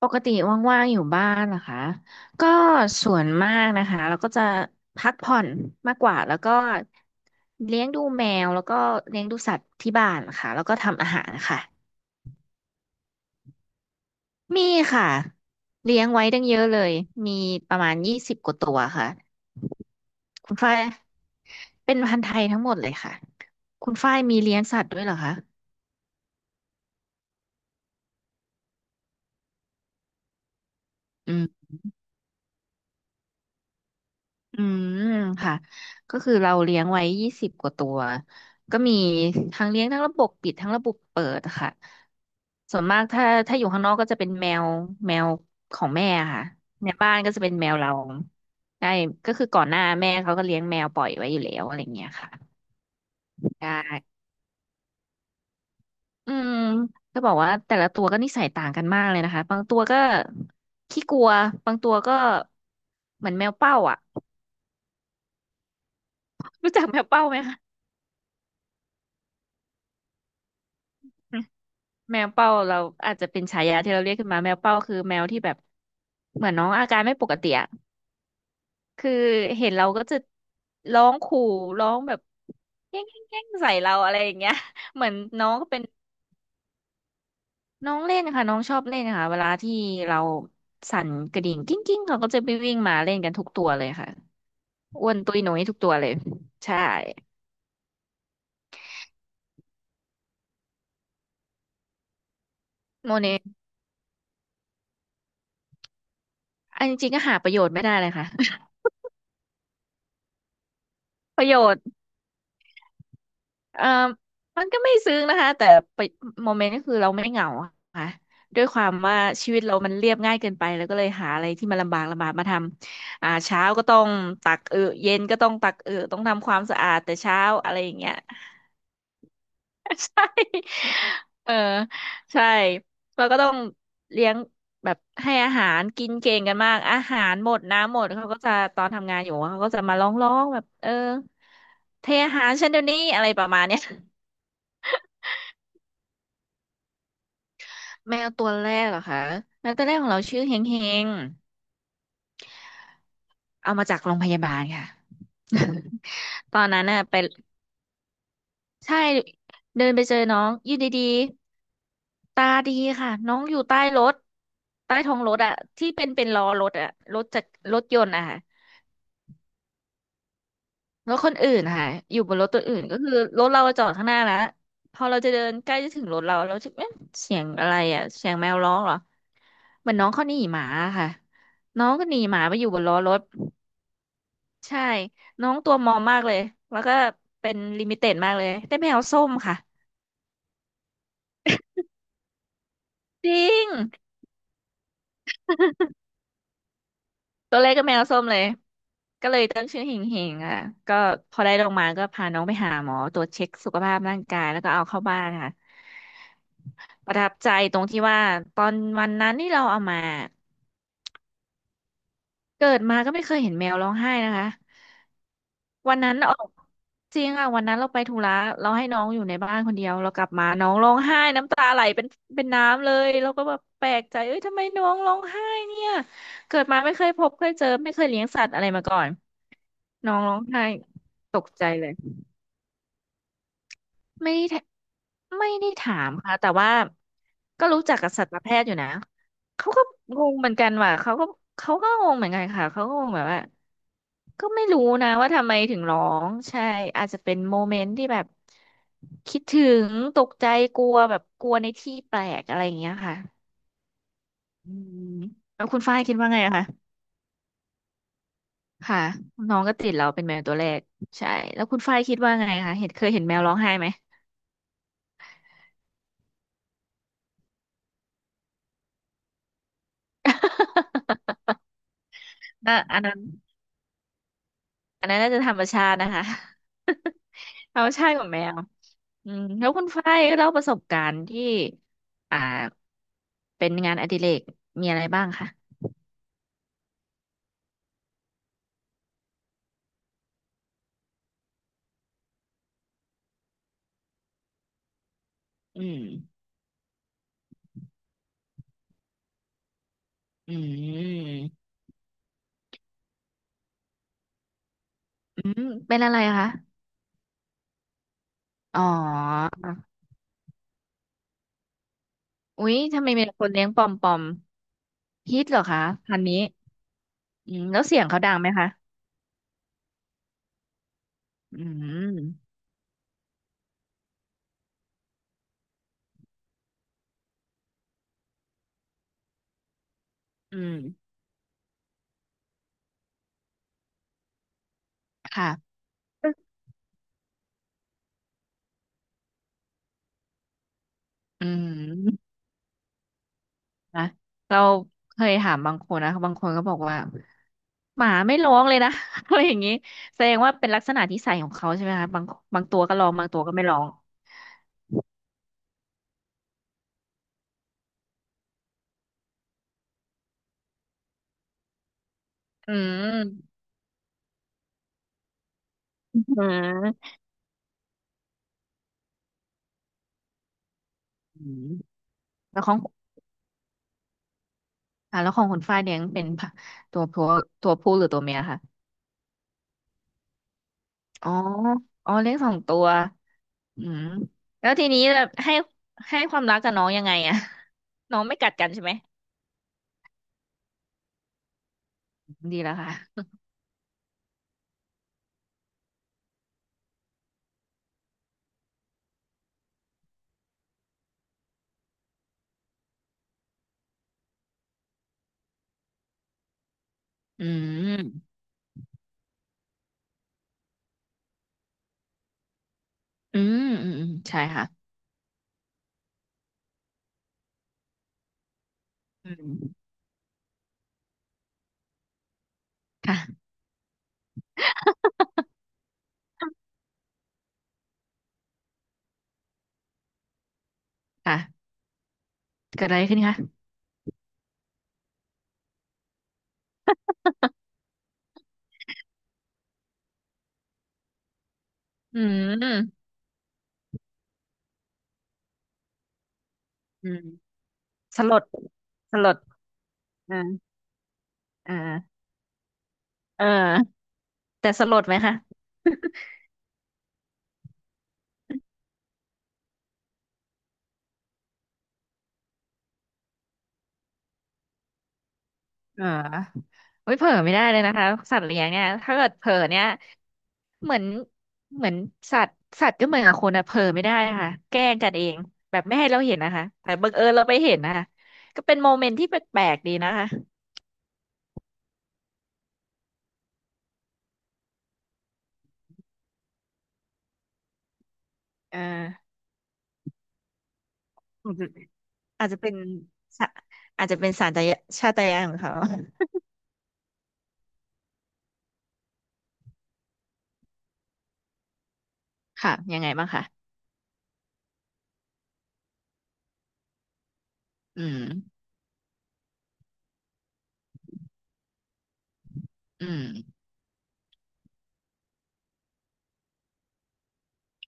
ปกติว่างๆอยู่บ้านนะคะก็ส่วนมากนะคะเราก็จะพักผ่อนมากกว่าแล้วก็เลี้ยงดูแมวแล้วก็เลี้ยงดูสัตว์ที่บ้านค่ะแล้วก็ทำอาหารค่ะมีค่ะเลี้ยงไว้ตั้งเยอะเลยมีประมาณยี่สิบกว่าตัวค่ะคุณฝ้ายเป็นพันธุ์ไทยทั้งหมดเลยค่ะคุณฝ้ายมีเลี้ยงสัตว์ด้วยเหรอคะอื อืมค่ะก็คือเราเลี้ยงไว้ยี่สิบกว่าตัวก็มีทั้งเลี้ยงทั้งระบบปิดทั้งระบบเปิดค่ะส่วนมากถ้าอยู่ข้างนอกก็จะเป็นแมวแมวของแม่ค่ะในบ้านก็จะเป็นแมวเราได้ก็คือก่อนหน้าแม่เขาก็เลี้ยงแมวปล่อยไว้อยู่แล้วอะไรอย่างเงี้ยค่ะได้อืมก็บอกว่าแต่ละตัวก็นิสัยต่างกันมากเลยนะคะบางตัวก็ขี้กลัวบางตัวก็เหมือนแมวเป้าอ่ะ รู้จักแมวเป้าไหมคะ แมวเป้าเราอาจจะเป็นฉายาที่เราเรียกขึ้นมาแมวเป้าคือแมวที่แบบเหมือนน้องอาการไม่ปกติอะคือเห็นเราก็จะร้องขู่ร้องแบบแย่งแย่งแย่งใส่เราอะไรอย่างเงี้ย เหมือนน้องก็เป็นน้องเล่นค่ะน้องชอบเล่นค่ะเวลาที่เราสั่นกระดิ่งกิ้งกิ้งเขาก็จะไปวิ่งมาเล่นกันทุกตัวเลยค่ะอ้วนตุ้ยหนุ่ยทุกตัวเลยใช่โมเนอันจริงๆก็หาประโยชน์ไม่ได้เลยค่ะ ประโยชน์ เอ่อมันก็ไม่ซึ้งนะคะแต่ไปโมเมนต์ก็คือเราไม่เหงาอะค่ะด้วยความว่าชีวิตเรามันเรียบง่ายเกินไปแล้วก็เลยหาอะไรที่มันลำบากลำบากมาทำเช้าก็ต้องตักเย็นก็ต้องตักต้องทำความสะอาดแต่เช้าอะไรอย่างเงี้ย เออใช่เราก็ต้องเลี้ยงแบบให้อาหารกินเก่งกันมากอาหารหมดน้ำหมดเขาก็จะตอนทำงานอยู่เขาก็จะมาร้องร้องแบบเทอาหารฉันเดี๋ยวนี้อะไรประมาณเนี้ย แมวตัวแรกเหรอคะแมวตัวแรกของเราชื่อเฮงเฮงเอามาจากโรงพยาบาลค่ะ ตอนนั้นน่ะไปใช่เดินไปเจอน้องอยู่ดีๆตาดีค่ะน้องอยู่ใต้รถใต้ท้องรถอะที่เป็นล้อรถอะรถจากรถยนต์อะค่ะรถคนอื่นอะค่ะอยู่บนรถตัวอื่นก็คือรถเราจอดข้างหน้าแล้วพอเราจะเดินใกล้จะถึงรถเราเราจะเอ๊ะเสียงอะไรอะเสียงแมวร้องเหรอเหมือนน้องเขาหนีหมาอะค่ะน้องก็หนีหมาไปอยู่บนล้อรถ ใช่ น้องตัวมอมมากเลย แล้วก็เป็นลิมิเต็ดมากเลยได้แมวส้มค่ะ จริง ตัวแรกก็แมวส้มเลย ก็เลยตั้งชื่อหิงหิงอ่ะ ก็พอได้ลงมาก็พาน้องไปหาหมอตรวจเช็คสุขภาพร่างกาย แล้วก็เอาเข้าบ้านค่ะ ประทับใจตรงที่ว่าตอนวันนั้นที่เราเอามา เกิดมาก็ไม่เคยเห็นแมวร้องไห้นะคะ วันนั้นออกจริงอ่ะวันนั้นเราไปธุระเราให้น้องอยู่ในบ้านคนเดียวเรากลับมาน้องร้องไห้น้ำตาไหลเป็นน้ำเลยเราก็แบบแปลกใจเอ้ยทำไมน้องร้องไห้เนี่ยเกิดมาไม่เคยพบเคยเจอไม่เคยเลี้ยงสัตว์อะไรมาก่อนน้องร้องไห้ตกใจเลย ไม่ได้ถไม่ได้ถามค่ะแต่ว่าก็รู้จักกับสัตวแพทย์อยู่นะเขาก็งงเหมือนกันว่ะเขาก็งงเหมือนกันค่ะเขาก็งงแบบว่าก็ไม่รู้นะว่าทำไมถึงร้องใช่อาจจะเป็นโมเมนต์ที่แบบคิดถึงตกใจกลัวแบบกลัวในที่แปลกอะไรอย่างเงี้ยค่ะอืมแล้วคุณฝ้ายคิดว่าไงอะคะค่ะน้องก็ติดเราเป็นแมวตัวแรกใช่แล้วคุณฝ้ายคิดว่าไงคะเห็นเคยเห็นแมวร้องไห้ไหม น่ะ อันนั้น อันนั้นน่าจะธรรมชาตินะคะ ธรรมชาติของแมวอืมแล้วคุณฝ้ายเล่าประสบการณ์ที่อ่าเป็นงานอดิเรกมีอะไรบ้างคะอืมอืมอืมเป็นอะไรคะอ๋ออุ๊ยทำไมมีแต่คนเลี้ยงปอมปอมฮิตเหรอคะพันนี้อืมแล้วเสียงเขาดังไหมคะอืมอืมค่ะอืม นะเราเคยถามบางคนนะบางคนก็บอกว่าหมาไม่ร้องเลยนะ อะไรอย่างนี้แสดงว่าเป็นลักษณะนิสัยของเขาใช่ไหมคะบางตัวก็ร้องบางตัวก็ไม่ร้องอืมอืมอืมแล้วของอ่ะแล้วของคุณฝ้ายเลี้ยงเป็นผตัวผัวตัวผู้หรือตัวเมียค่ะอ๋ออ๋อเลี้ยงสองตัวอืมแล้วทีนี้แบบให้ความรักกับน้องยังไงอะ น้องไม่กัดกันใช่ไหมดีแล้วค่ะอืมอืมอืมอืมใช่ค่ะอืมค่ะ ค่ะเกิดอะไรขึ้นคะอืมอืมสลดสลดอ่าอ่าเออแต่สลดไหมคะเออโอ้ยเผลอไม่ได้เลยนะคะสัตว์เลี้ยงเนี่ยถ้าเกิดเผลอเนี่ยเหมือนเหมือนสัตว์ก็เหมือนกับคนอะเผลอไม่ได้ค่ะแกล้งกันเองแบบไม่ให้เราเห็นนะคะแต่บังเอิญเราไปเห็นนะคะก็เป็นโมเมนต์ที่แปลกๆดีนะคะเอออาจจะเป็นสะอาจจะเป็นสัญชาตญาณของเขาค่ะยังไงบ้างคะอืมอืม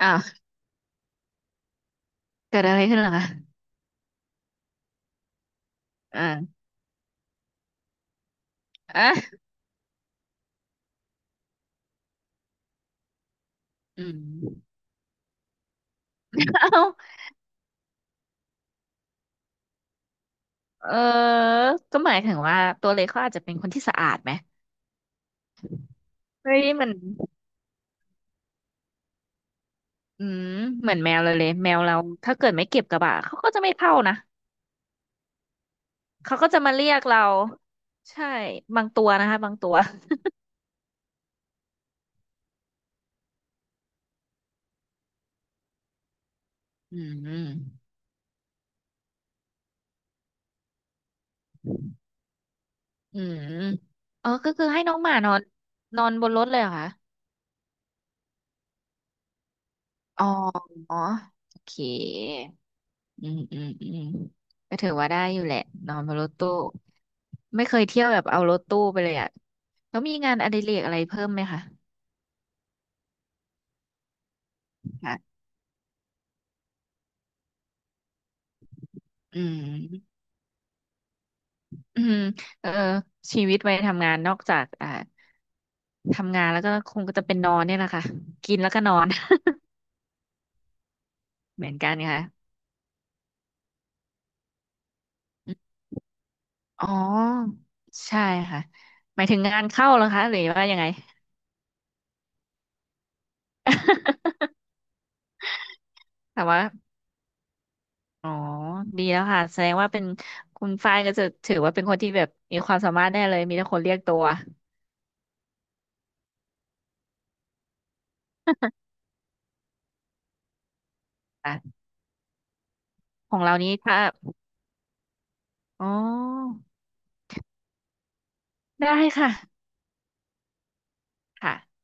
อ้าวเกิดอะไรขึ้นเหรอคะอ่าอ่ะอืมเอ้าเออก็หมายถึงว่าตัวเล็กเขาอาจจะเป็นคนที่สะอาดไหมเฮ้ยมันอืมเหมือนแมวเลยเลยแมวเราถ้าเกิดไม่เก็บกระบะเขาก็จะไม่เข้านะเขาก็จะมาเรียกเราใช่บางตัวนะคะบางตัวอืมอืมเออก็คือให้น้องหมานอนนอนบนรถเลยเหรอคะอ๋ออ๋อโอเค อืมอืมอืมก็ถือว่าได้อยู่แหละนอนบนรถตู้ไม่เคยเที่ยวแบบเอารถตู้ไปเลยอ่ะแล้วมีงานอดิเรกอะไรเพิ่มไหมคะค่ะอืมอืมเออชีวิตวัยทำงานนอกจากอ่าทำงานแล้วก็คงก็จะเป็นนอนเนี่ยแหละค่ะกินแล้วก็นอน เหมือนกันค่ะอ๋อใช่ค่ะหมายถึงงานเข้าแล้วคะหรือว่ายังไง ถามว่า อ๋อ ดีแล้วค่ะ แสดงว่าเป็นคุณฝ้ายก็จะถือว่าเป็นคนที่แบบมีความสามารถแน่เลย มีแต่คนเรียกตัวอ่ะของเรานี้ถ้าอ๋อ ได้ค่ะค่ะ